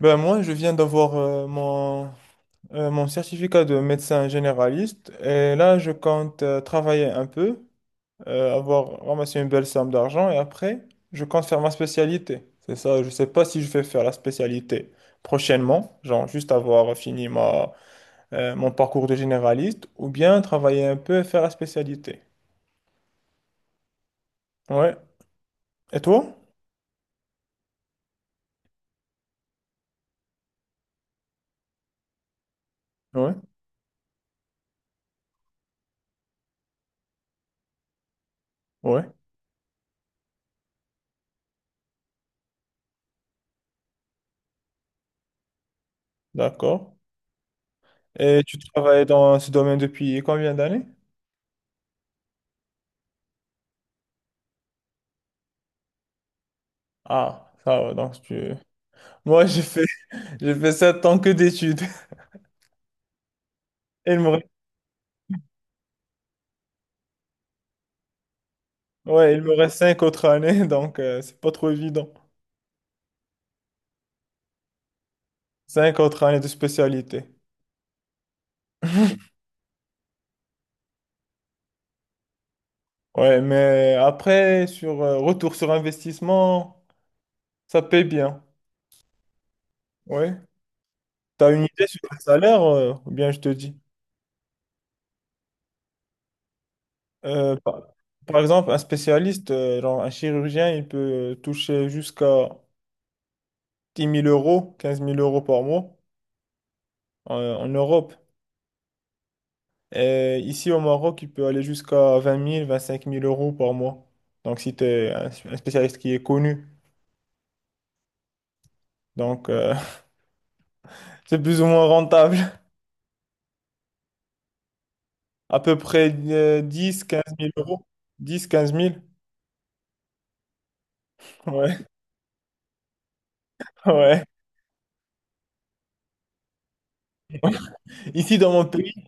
Ben moi, je viens d'avoir mon certificat de médecin généraliste et là, je compte travailler un peu, avoir ramassé une belle somme d'argent et après, je compte faire ma spécialité. C'est ça, je sais pas si je vais faire la spécialité prochainement, genre juste avoir fini mon parcours de généraliste ou bien travailler un peu et faire la spécialité. Ouais. Et toi? Ouais. Ouais. D'accord. Et tu travailles dans ce domaine depuis combien d'années? Ah, ça va, donc tu... Moi, j'ai fait 7 ans que d'études. Et ouais, il me reste 5 autres années, donc c'est pas trop évident. Cinq autres années de spécialité. Ouais, mais après, sur retour sur investissement, ça paye bien. Ouais. T'as une idée sur le salaire, ou bien je te dis. Euh, par, par exemple, un spécialiste, genre un chirurgien, il peut toucher jusqu'à 10 000 euros, 15 000 euros par mois en Europe. Et ici au Maroc, il peut aller jusqu'à 20 000, 25 000 euros par mois. Donc si tu es un spécialiste qui est connu, donc euh, c'est plus ou moins rentable. À peu près 10, 15 000 euros. Dix, quinze mille. Ouais, ouais. Ici dans mon pays,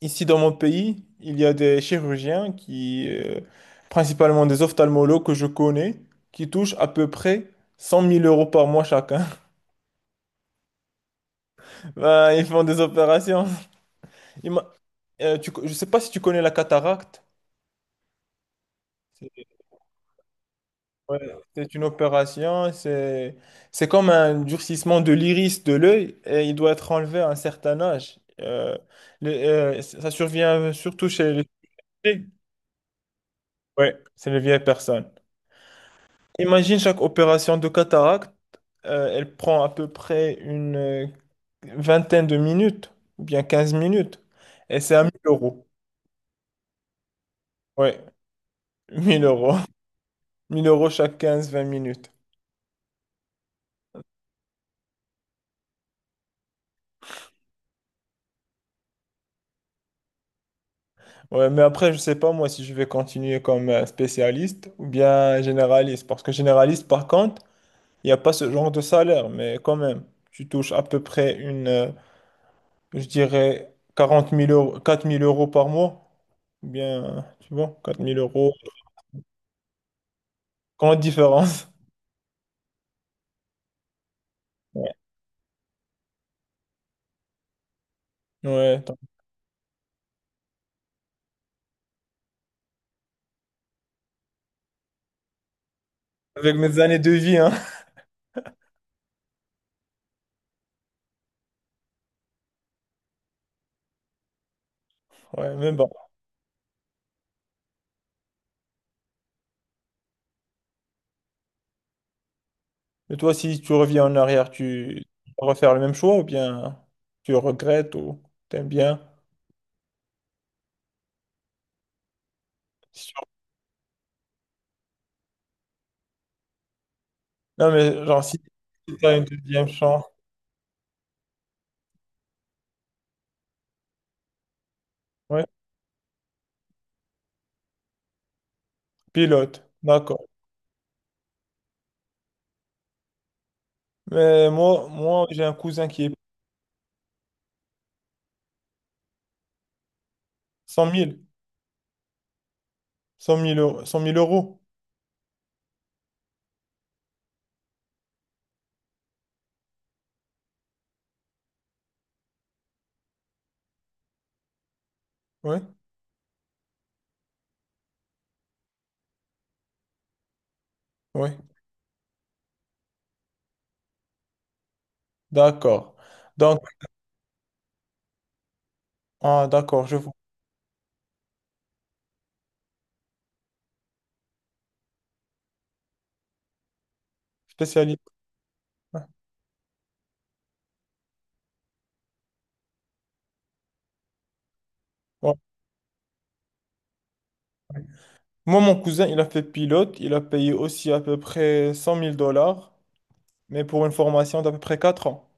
Ici dans mon pays, il y a des chirurgiens principalement des ophtalmologues que je connais, qui touchent à peu près 100 000 euros par mois chacun. Ben, ils font des opérations. Ima- je sais pas si tu connais la cataracte. Ouais, c'est une opération, c'est comme un durcissement de l'iris de l'œil et il doit être enlevé à un certain âge. Ça survient surtout chez les filles. Ouais, c'est les vieilles personnes. Imagine chaque opération de cataracte, elle prend à peu près une vingtaine de minutes, ou bien 15 minutes, et c'est à 1 000 euros. Ouais, 1 000 euros. 1 000 euros chaque quinze vingt minutes. Ouais, mais après, je sais pas moi si je vais continuer comme spécialiste ou bien généraliste. Parce que généraliste, par contre, il n'y a pas ce genre de salaire. Mais quand même, tu touches à peu près je dirais, 40 000 euros, 4 000 euros par mois. Ou bien, tu vois, 4 000 euros. Grande différence. Ouais, ouais, attends. Avec mes années de vie, hein. Ouais, mais bon. Et toi, si tu reviens en arrière, tu vas refaire le même choix ou bien tu regrettes ou t'aimes bien? Si tu- Non, mais genre, si tu as une deuxième chance. Ouais, pilote, d'accord. Mais moi j'ai un cousin qui est 100 000, 100 000 euros. 100 000 euros. Oui, oui, d'accord. Donc, ah, d'accord, je vois. Spécialiste. Ouais. Ouais. Moi, mon cousin, il a fait pilote. Il a payé aussi à peu près 100 000 dollars, mais pour une formation d'à peu près 4 ans.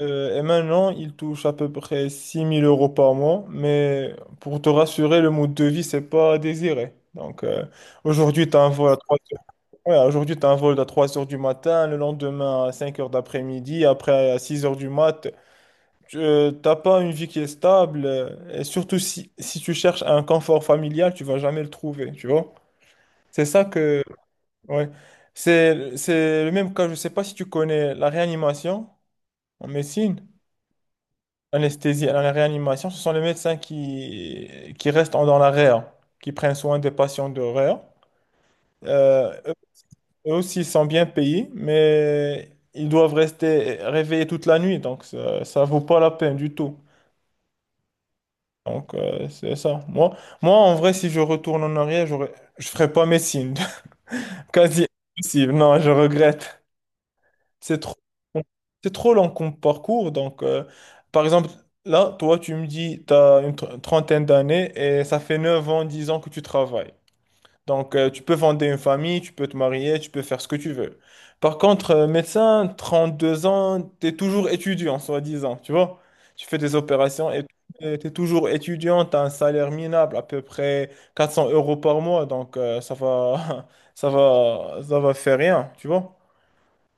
Et maintenant, il touche à peu près 6 000 euros par mois. Mais pour te rassurer, le mode de vie, c'est pas désiré. Aujourd'hui, tu as un vol à 3. Ouais, aujourd'hui, tu as un vol à 3 heures du matin, le lendemain à 5 heures d'après-midi, après à 6 heures du mat. Tu n'as pas une vie qui est stable. Et surtout, si tu cherches un confort familial, tu vas jamais le trouver, tu vois? C'est ça que... Ouais. C'est le même cas, je sais pas si tu connais la réanimation en médecine, l'anesthésie, la réanimation, ce sont les médecins qui restent dans la réa, qui prennent soin des patients de réa. Euh, Eux aussi sont bien payés, mais ils doivent rester réveillés toute la nuit, donc ça vaut pas la peine du tout. C'est ça. Moi, en vrai, si je retourne en arrière, je ferais pas médecine. Quasi impossible. Non, je regrette. C'est trop, c'est trop long comme parcours. Par exemple, là, toi, tu me dis, tu as une trentaine d'années et ça fait 9 ans, 10 ans que tu travailles. Tu peux fonder une famille, tu peux te marier, tu peux faire ce que tu veux. Par contre, médecin, 2 ans, tu es toujours étudiant, soi-disant, tu vois. Tu fais des opérations et tu es toujours étudiant, tu as un salaire minable, à peu près 400 euros par mois, ça va, ça va faire rien, tu vois.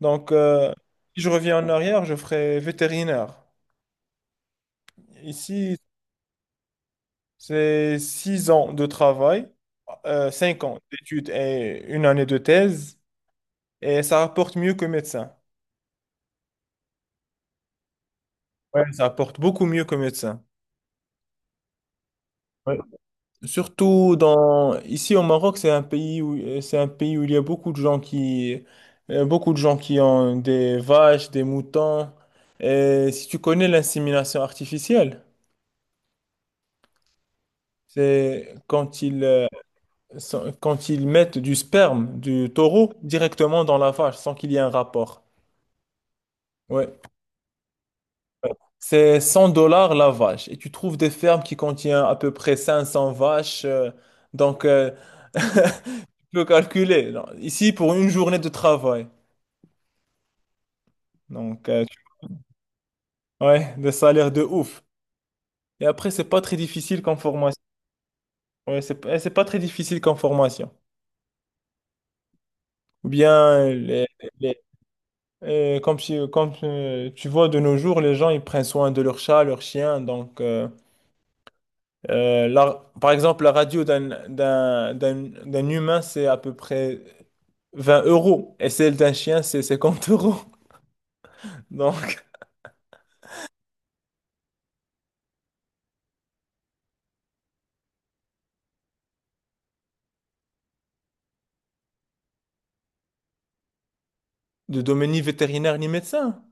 Donc, euh, Si je reviens en arrière, je ferai vétérinaire. Ici, c'est 6 ans de travail, 5 ans d'études et une année de thèse. Et ça rapporte mieux que médecin. Ouais, ça rapporte beaucoup mieux que médecin. Ouais. Surtout dans ici au Maroc, c'est un pays où il y a beaucoup de gens qui ont des vaches, des moutons. Et si tu connais l'insémination artificielle, c'est quand ils mettent du sperme du taureau directement dans la vache sans qu'il y ait un rapport. Ouais. C'est 100 dollars la vache. Et tu trouves des fermes qui contiennent à peu près 500 vaches. Donc, euh, tu peux calculer. Non. Ici, pour une journée de travail. Donc, euh, tu- ouais, des salaires de ouf. Et après, c'est pas très difficile comme formation. Ouais, c'est pas très difficile comme formation. Ou bien, les- tu vois, de nos jours, les gens, ils prennent soin de leurs chats, leurs chiens. Par exemple, la radio d'un humain, c'est à peu près 20 euros. Et celle d'un chien, c'est 50 euros. Donc, de domaine ni vétérinaire ni médecin.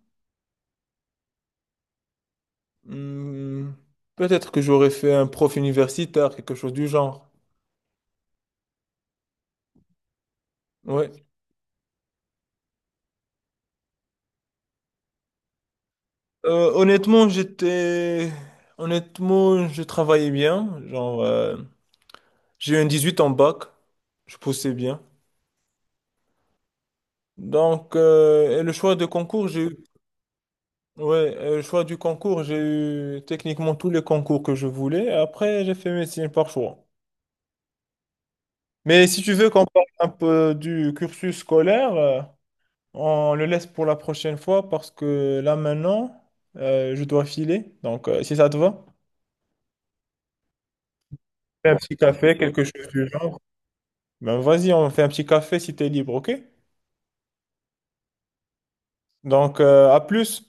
Hmm, peut-être que j'aurais fait un prof universitaire, quelque chose du genre. Ouais. Euh, honnêtement, j'étais... Honnêtement, je travaillais bien. Genre, j'ai eu un 18 en bac. Je poussais bien. Et le choix de concours, j'ai eu. Ouais, le choix du concours, j'ai eu techniquement tous les concours que je voulais. Après, j'ai fait médecine par choix. Mais si tu veux qu'on parle un peu du cursus scolaire, on le laisse pour la prochaine fois parce que là maintenant, je dois filer. Si ça te va, fais un petit café, quelque chose du genre. Ben, vas-y, on fait un petit café si t'es libre, ok? À plus.